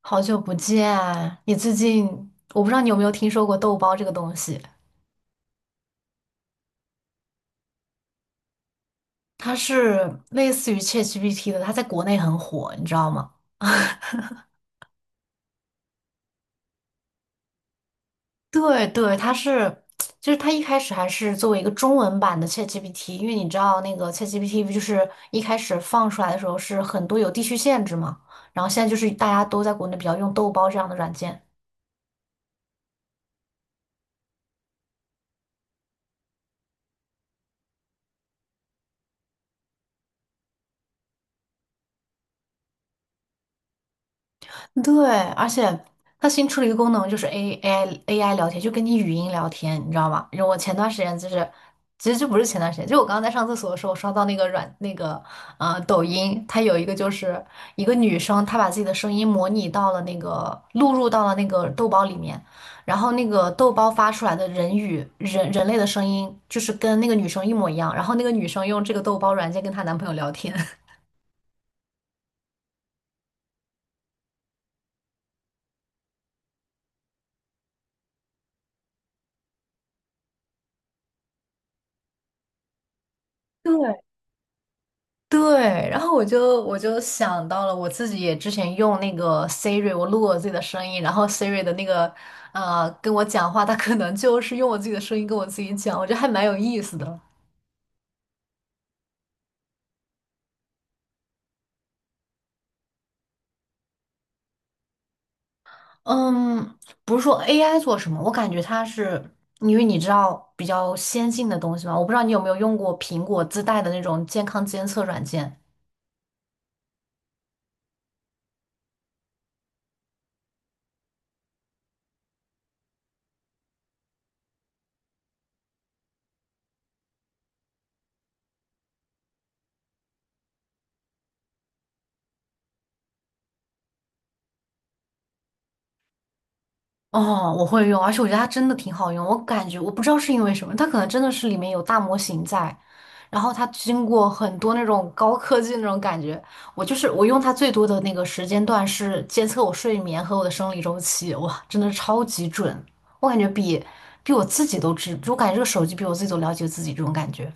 好久不见，你最近我不知道你有没有听说过豆包这个东西，它是类似于 ChatGPT 的，它在国内很火，你知道吗？对对，它是，它一开始还是作为一个中文版的 ChatGPT，因为你知道那个 ChatGPT 不就是一开始放出来的时候是很多有地区限制嘛，然后现在就是大家都在国内比较用豆包这样的软件。对，而且它新出了一个功能，就是 AI 聊天，就跟你语音聊天，你知道吗？然后我前段时间就是，其实就不是前段时间，就我刚刚在上厕所的时候，我刷到那个软那个抖音，它有一个女生，她把自己的声音模拟到了那个录入到了那个豆包里面，然后那个豆包发出来的人语人人类的声音，就是跟那个女生一模一样，然后那个女生用这个豆包软件跟她男朋友聊天。对对，然后我就想到了，我自己也之前用那个 Siri，我录我自己的声音，然后 Siri 的那个跟我讲话，它可能就是用我自己的声音跟我自己讲，我觉得还蛮有意思的。嗯，不是说 AI 做什么，我感觉它是因为你知道比较先进的东西嘛，我不知道你有没有用过苹果自带的那种健康监测软件。哦，我会用，而且我觉得它真的挺好用。我感觉我不知道是因为什么，它可能真的是里面有大模型在，然后它经过很多那种高科技那种感觉。我就是我用它最多的那个时间段是监测我睡眠和我的生理周期，哇，真的是超级准。我感觉比我自己都知，就我感觉这个手机比我自己都了解自己这种感觉。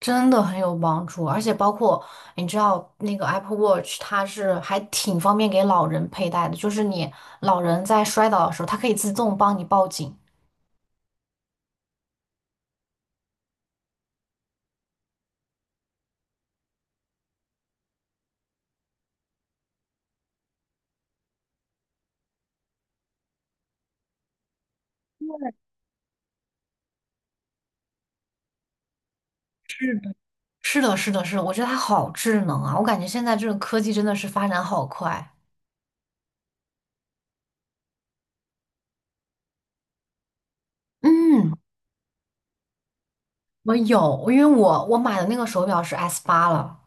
真的很有帮助，而且包括你知道那个 Apple Watch，它是还挺方便给老人佩戴的，就是你老人在摔倒的时候，它可以自动帮你报警。是的。是的，是的，是的，我觉得它好智能啊！我感觉现在这个科技真的是发展好快。嗯，我有，因为我买的那个手表是 S 八了。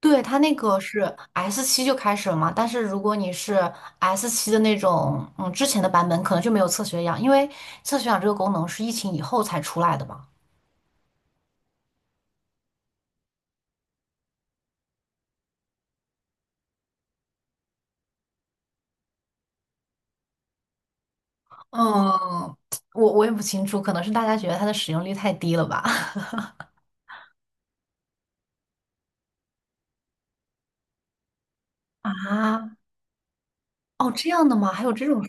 对，它那个是 S 七就开始了嘛，但是如果你是 S 七的那种，嗯，之前的版本可能就没有测血氧，因为测血氧这个功能是疫情以后才出来的嘛。嗯，我也不清楚，可能是大家觉得它的使用率太低了吧？啊，哦，这样的吗？还有这种，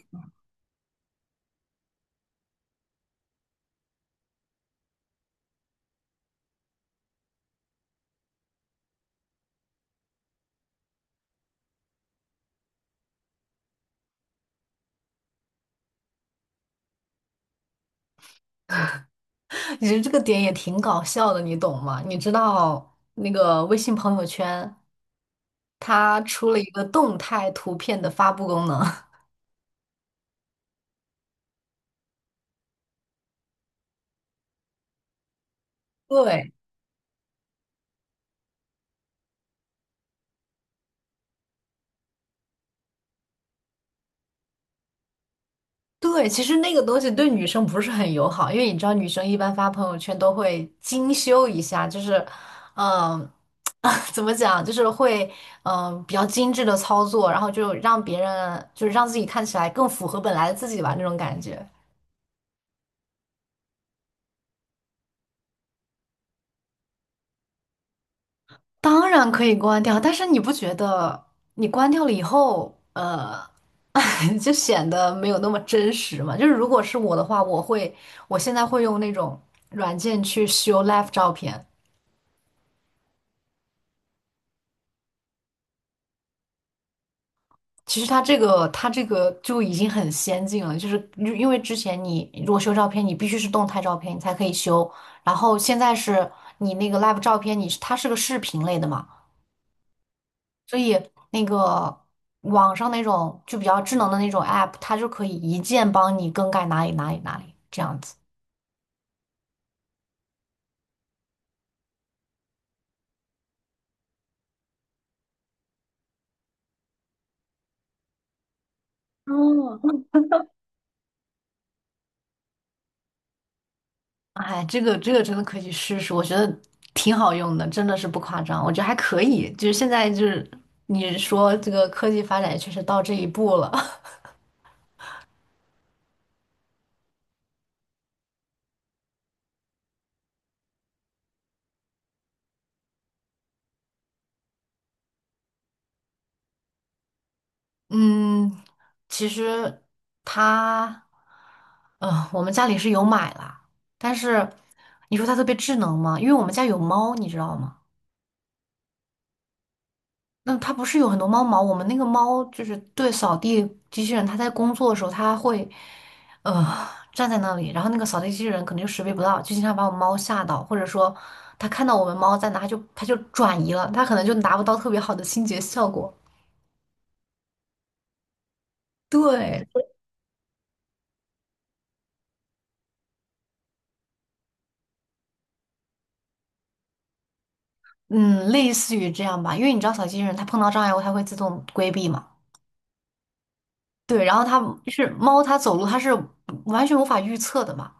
你觉得这个点也挺搞笑的，你懂吗？你知道那个微信朋友圈它出了一个动态图片的发布功能，对。对，其实那个东西对女生不是很友好，因为你知道，女生一般发朋友圈都会精修一下，就是，嗯、怎么讲，就是会，比较精致的操作，然后就让别人，就是让自己看起来更符合本来的自己吧，那种感觉。当然可以关掉，但是你不觉得你关掉了以后，就显得没有那么真实嘛？就是如果是我的话，我会，我现在会用那种软件去修 live 照片。其实它这个就已经很先进了，就是因为之前你如果修照片，你必须是动态照片你才可以修，然后现在是你那个 live 照片，你是它是个视频类的嘛，所以那个网上那种就比较智能的那种 app，它就可以一键帮你更改哪里这样子。哦，哎，这个真的可以试试，我觉得挺好用的，真的是不夸张，我觉得还可以。就是现在你说这个科技发展也确实到这一步了。嗯，其实它，我们家里是有买啦，但是你说它特别智能吗？因为我们家有猫，你知道吗？那它不是有很多猫毛？我们那个猫就是对扫地机器人，它在工作的时候，它会，呃，站在那里，然后那个扫地机器人可能就识别不到，就经常把我猫吓到，或者说它看到我们猫在哪，它就转移了，它可能就达不到特别好的清洁效果。对，嗯，类似于这样吧，因为你知道小金人它碰到障碍物它会自动规避嘛，对，然后它就是猫它走路它是完全无法预测的嘛，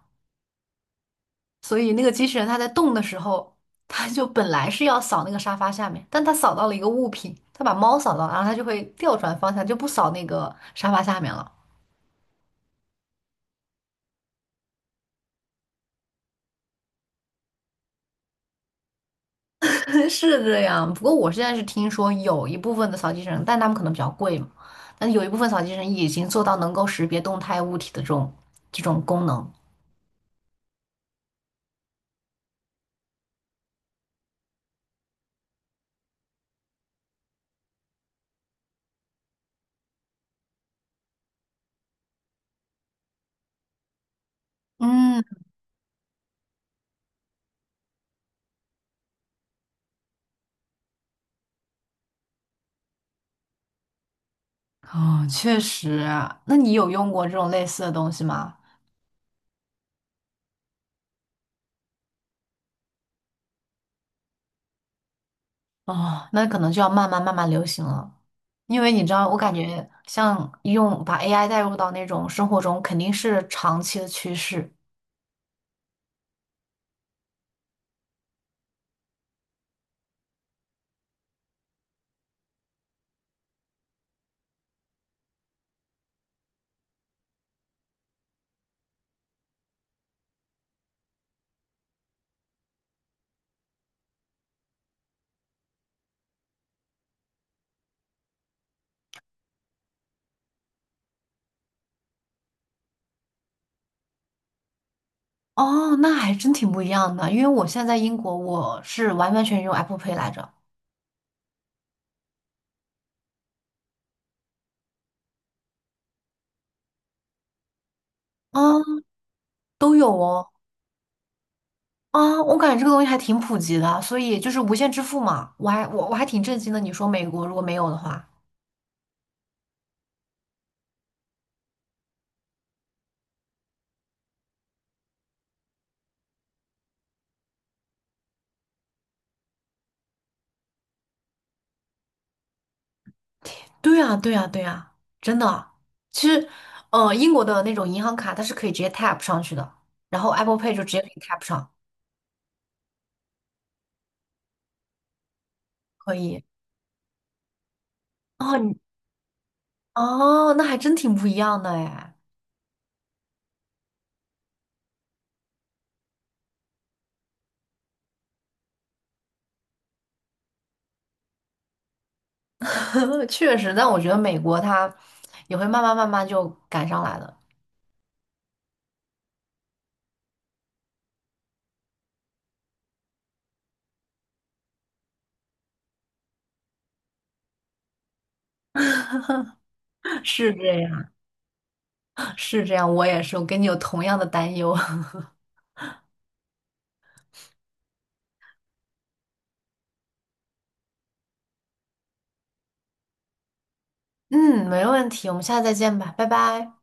所以那个机器人它在动的时候，它就本来是要扫那个沙发下面，但它扫到了一个物品，它把猫扫到了然后它就会调转方向，就不扫那个沙发下面了，是这样。不过我现在是听说有一部分的扫地机器人，但他们可能比较贵嘛，但有一部分扫地机器人已经做到能够识别动态物体的这种功能。嗯。哦，确实啊那你有用过这种类似的东西吗？哦，那可能就要慢慢流行了，因为你知道，我感觉像用把 AI 带入到那种生活中，肯定是长期的趋势。哦，那还真挺不一样的，因为我现在在英国，我是完完全全用 Apple Pay 来着。啊，都有哦。啊，我感觉这个东西还挺普及的，所以就是无线支付嘛，我还挺震惊的。你说美国如果没有的话。对啊，对啊，对啊，真的。其实，英国的那种银行卡它是可以直接 tap 上去的，然后 Apple Pay 就直接给你 tap 上，可以。哦，你哦，那还真挺不一样的哎，确实。但我觉得美国它也会慢慢就赶上来的，是这样，是这样。我也是，我跟你有同样的担忧。嗯，没问题，我们下次再见吧，拜拜。